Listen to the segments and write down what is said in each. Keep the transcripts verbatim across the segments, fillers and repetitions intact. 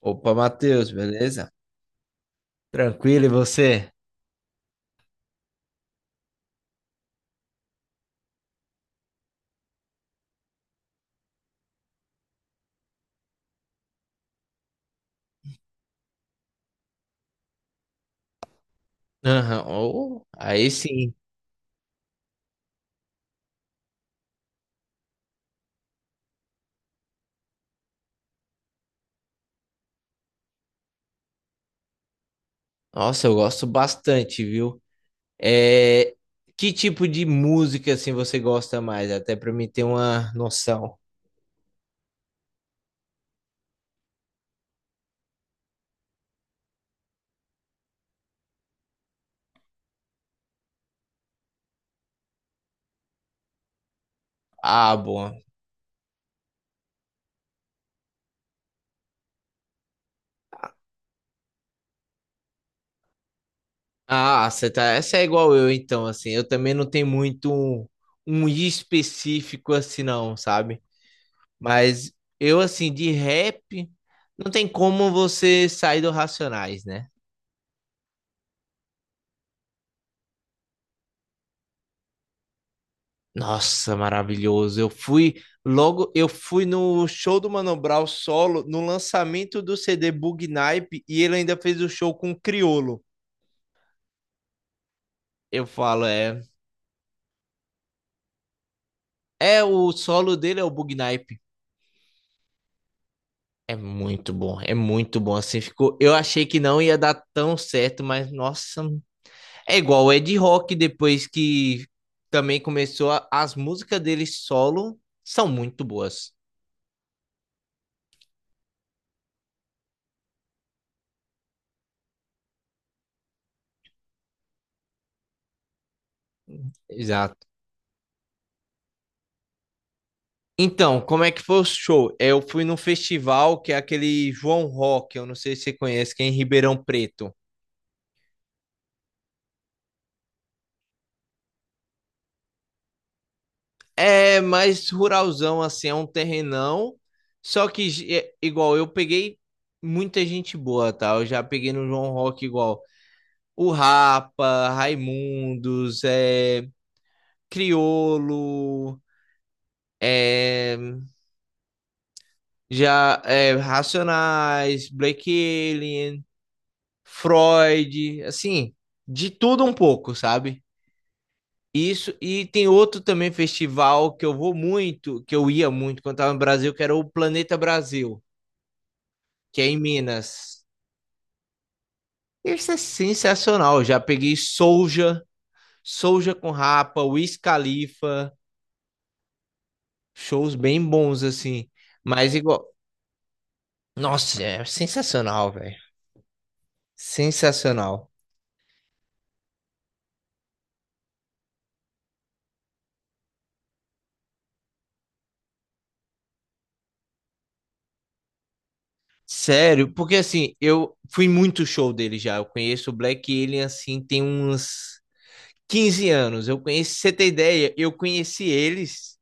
Opa, Matheus, beleza? Tranquilo, e você? Aham, ô, aí sim. Nossa, eu gosto bastante, viu? É, que tipo de música assim você gosta mais? Até pra mim ter uma noção. Ah, boa. Ah, você tá. Essa é igual eu, então, assim. Eu também não tenho muito um, um específico assim, não, sabe? Mas eu, assim, de rap, não tem como você sair do Racionais, né? Nossa, maravilhoso. Eu fui logo, eu fui no show do Mano Brown solo, no lançamento do C D Bug Naipe, e ele ainda fez o show com o Criolo. Eu falo, é, é o solo dele é o Bug Naipe. É muito bom, é muito bom. Assim ficou. Eu achei que não ia dar tão certo, mas nossa, é igual o Ed Rock depois que também começou a- as músicas dele solo são muito boas. Então, como é que foi o show? Eu fui num festival que é aquele João Rock, eu não sei se você conhece, que é em Ribeirão Preto. É mais ruralzão, assim, é um terrenão. Só que, gi- é, igual, eu peguei muita gente boa, tá? Eu já peguei no João Rock, igual, o Rapa, Raimundos, é, Criolo, é, já, é, Racionais, Black Alien, Freud, assim, de tudo um pouco, sabe? Isso, e tem outro também festival que eu vou muito, que eu ia muito quando estava no Brasil, que era o Planeta Brasil, que é em Minas. Esse é sensacional. Eu já peguei Soulja, Soulja com Rapa, Wiz Khalifa, shows bem bons assim. Mas igual, nossa, é sensacional, velho. Sensacional. Sério, porque assim, eu fui muito show dele já. Eu conheço o Black Alien assim tem uns quinze anos. Eu conheci, pra você tem ideia, eu conheci eles.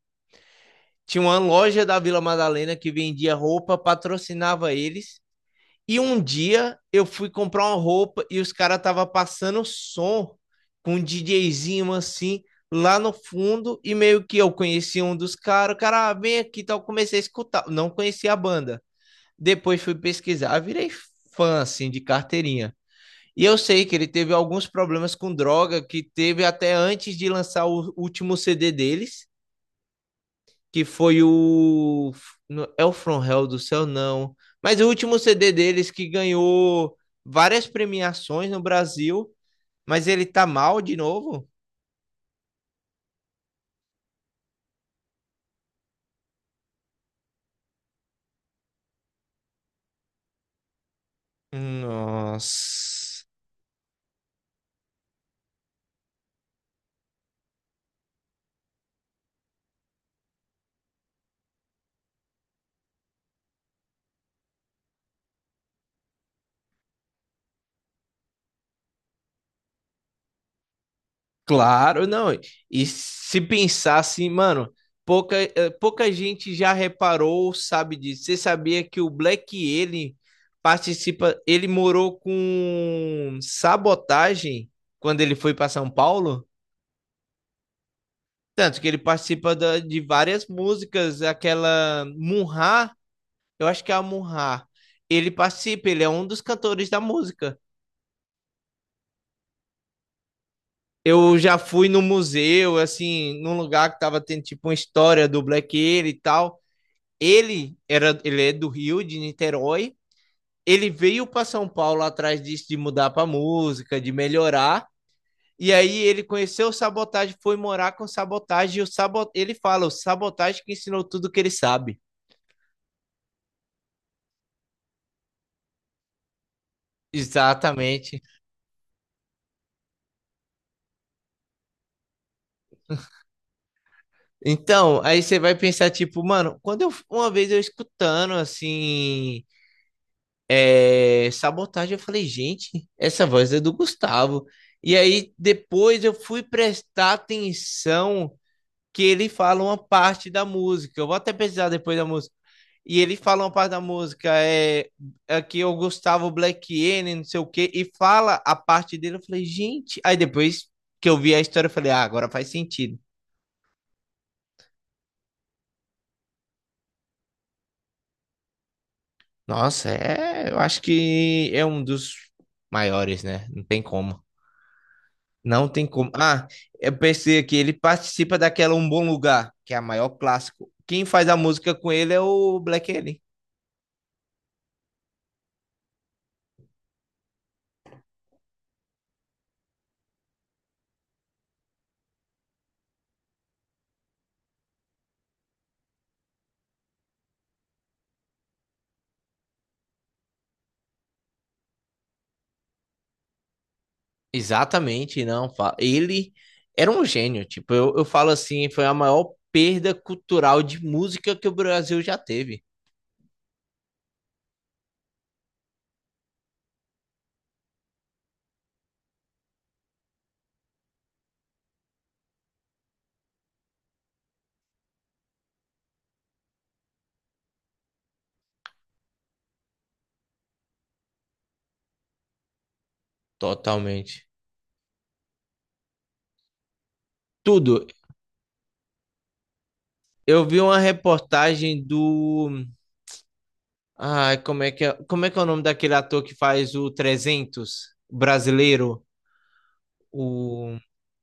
Tinha uma loja da Vila Madalena que vendia roupa, patrocinava eles. E um dia eu fui comprar uma roupa e os caras estavam passando som com um DJzinho assim lá no fundo e meio que eu conheci um dos caras, o cara, ah, vem aqui e tal, comecei a escutar, não conhecia a banda. Depois fui pesquisar, eu virei fã assim de carteirinha. E eu sei que ele teve alguns problemas com droga que teve até antes de lançar o último C D deles que foi o. no- É o From Hell do Céu, não. Mas o último C D deles que ganhou várias premiações no Brasil, mas ele tá mal de novo? Nossa. Claro, não. E se pensar assim, mano, pouca, eh, pouca gente já reparou, sabe disso. Você sabia que o Black ele participa, ele morou com Sabotagem quando ele foi para São Paulo? Tanto que ele participa da- de várias músicas, aquela Munhá, eu acho que é a Munhá. Ele participa, ele é um dos cantores da música. Eu já fui no museu, assim, num lugar que tava tendo tipo uma história do Black Alien e tal. Ele era, ele é do Rio, de Niterói. Ele veio para São Paulo atrás disso de mudar para música, de melhorar. E aí ele conheceu o Sabotagem, foi morar com o Sabotagem e o Sabo... ele fala, o Sabotagem que ensinou tudo que ele sabe. Exatamente. Então, aí você vai pensar, tipo, mano, quando eu, uma vez eu escutando, assim, é, Sabotagem, eu falei, gente, essa voz é do Gustavo. E aí, depois eu fui prestar atenção que ele fala uma parte da música. Eu vou até pesquisar depois da música. E ele fala uma parte da música, é, é que o Gustavo Black N, não sei o quê, e fala a parte dele. Eu falei, gente. Aí depois que eu vi a história, eu falei, ah, agora faz sentido. Nossa, é, eu acho que é um dos maiores, né? Não tem como. Não tem como. Ah, eu pensei aqui, ele participa daquela Um Bom Lugar, que é a maior clássico. Quem faz a música com ele é o Black Alien. Exatamente, não. fa- Ele era um gênio. Tipo, eu, eu falo assim, foi a maior perda cultural de música que o Brasil já teve. Totalmente. Tudo. Eu vi uma reportagem do. Ai, como é que é, como é que é o nome daquele ator que faz o trezentos brasileiro? O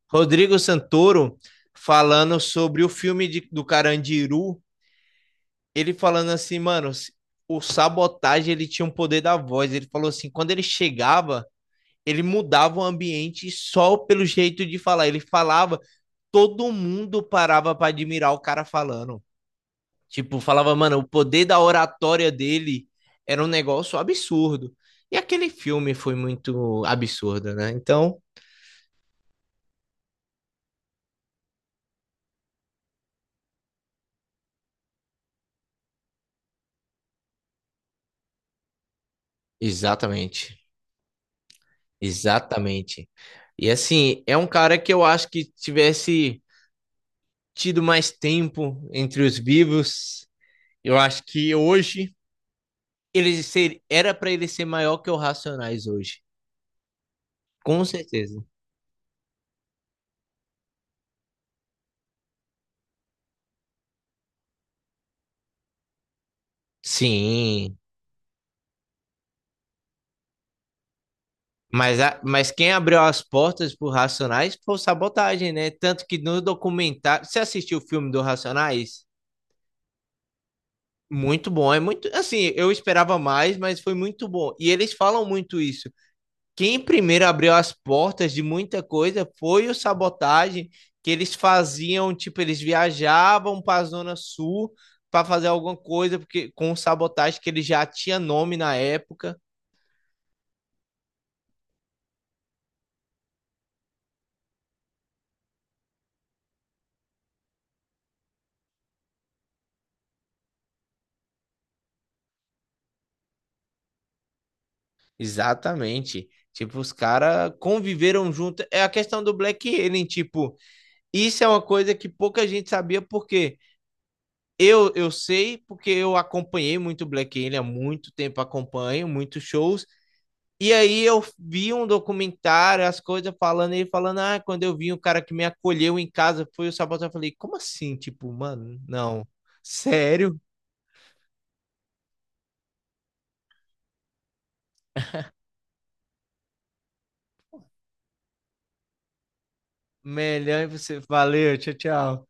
Rodrigo Santoro falando sobre o filme de- do Carandiru. Ele falando assim, mano, se- o Sabotagem ele tinha um poder da voz. Ele falou assim, quando ele chegava, ele mudava o ambiente só pelo jeito de falar. Ele falava, todo mundo parava para admirar o cara falando. Tipo, falava, mano, o poder da oratória dele era um negócio absurdo. E aquele filme foi muito absurdo, né? Então, exatamente. Exatamente. E assim, é um cara que eu acho que tivesse tido mais tempo entre os vivos, eu acho que hoje ele ser, era para ele ser maior que o Racionais hoje. Com certeza. Sim. Mas, a- mas quem abriu as portas pro Racionais foi o Sabotagem, né? Tanto que no documentário. Você assistiu o filme do Racionais? Muito bom, é muito. Assim, eu esperava mais, mas foi muito bom. E eles falam muito isso. Quem primeiro abriu as portas de muita coisa foi o Sabotagem, que eles faziam, tipo, eles viajavam para a Zona Sul para fazer alguma coisa, porque com o Sabotagem, que ele já tinha nome na época. Exatamente. Tipo, os caras conviveram junto. É a questão do Black Alien, tipo, isso é uma coisa que pouca gente sabia, porque eu, eu sei, porque eu acompanhei muito Black Alien há muito tempo, acompanho muitos shows. E aí eu vi um documentário, as coisas falando, ele falando, ah, quando eu vi o cara que me acolheu em casa foi o Sabaton, eu falei, como assim? Tipo, mano, não. Sério? Melhor você. Valeu, tchau, tchau.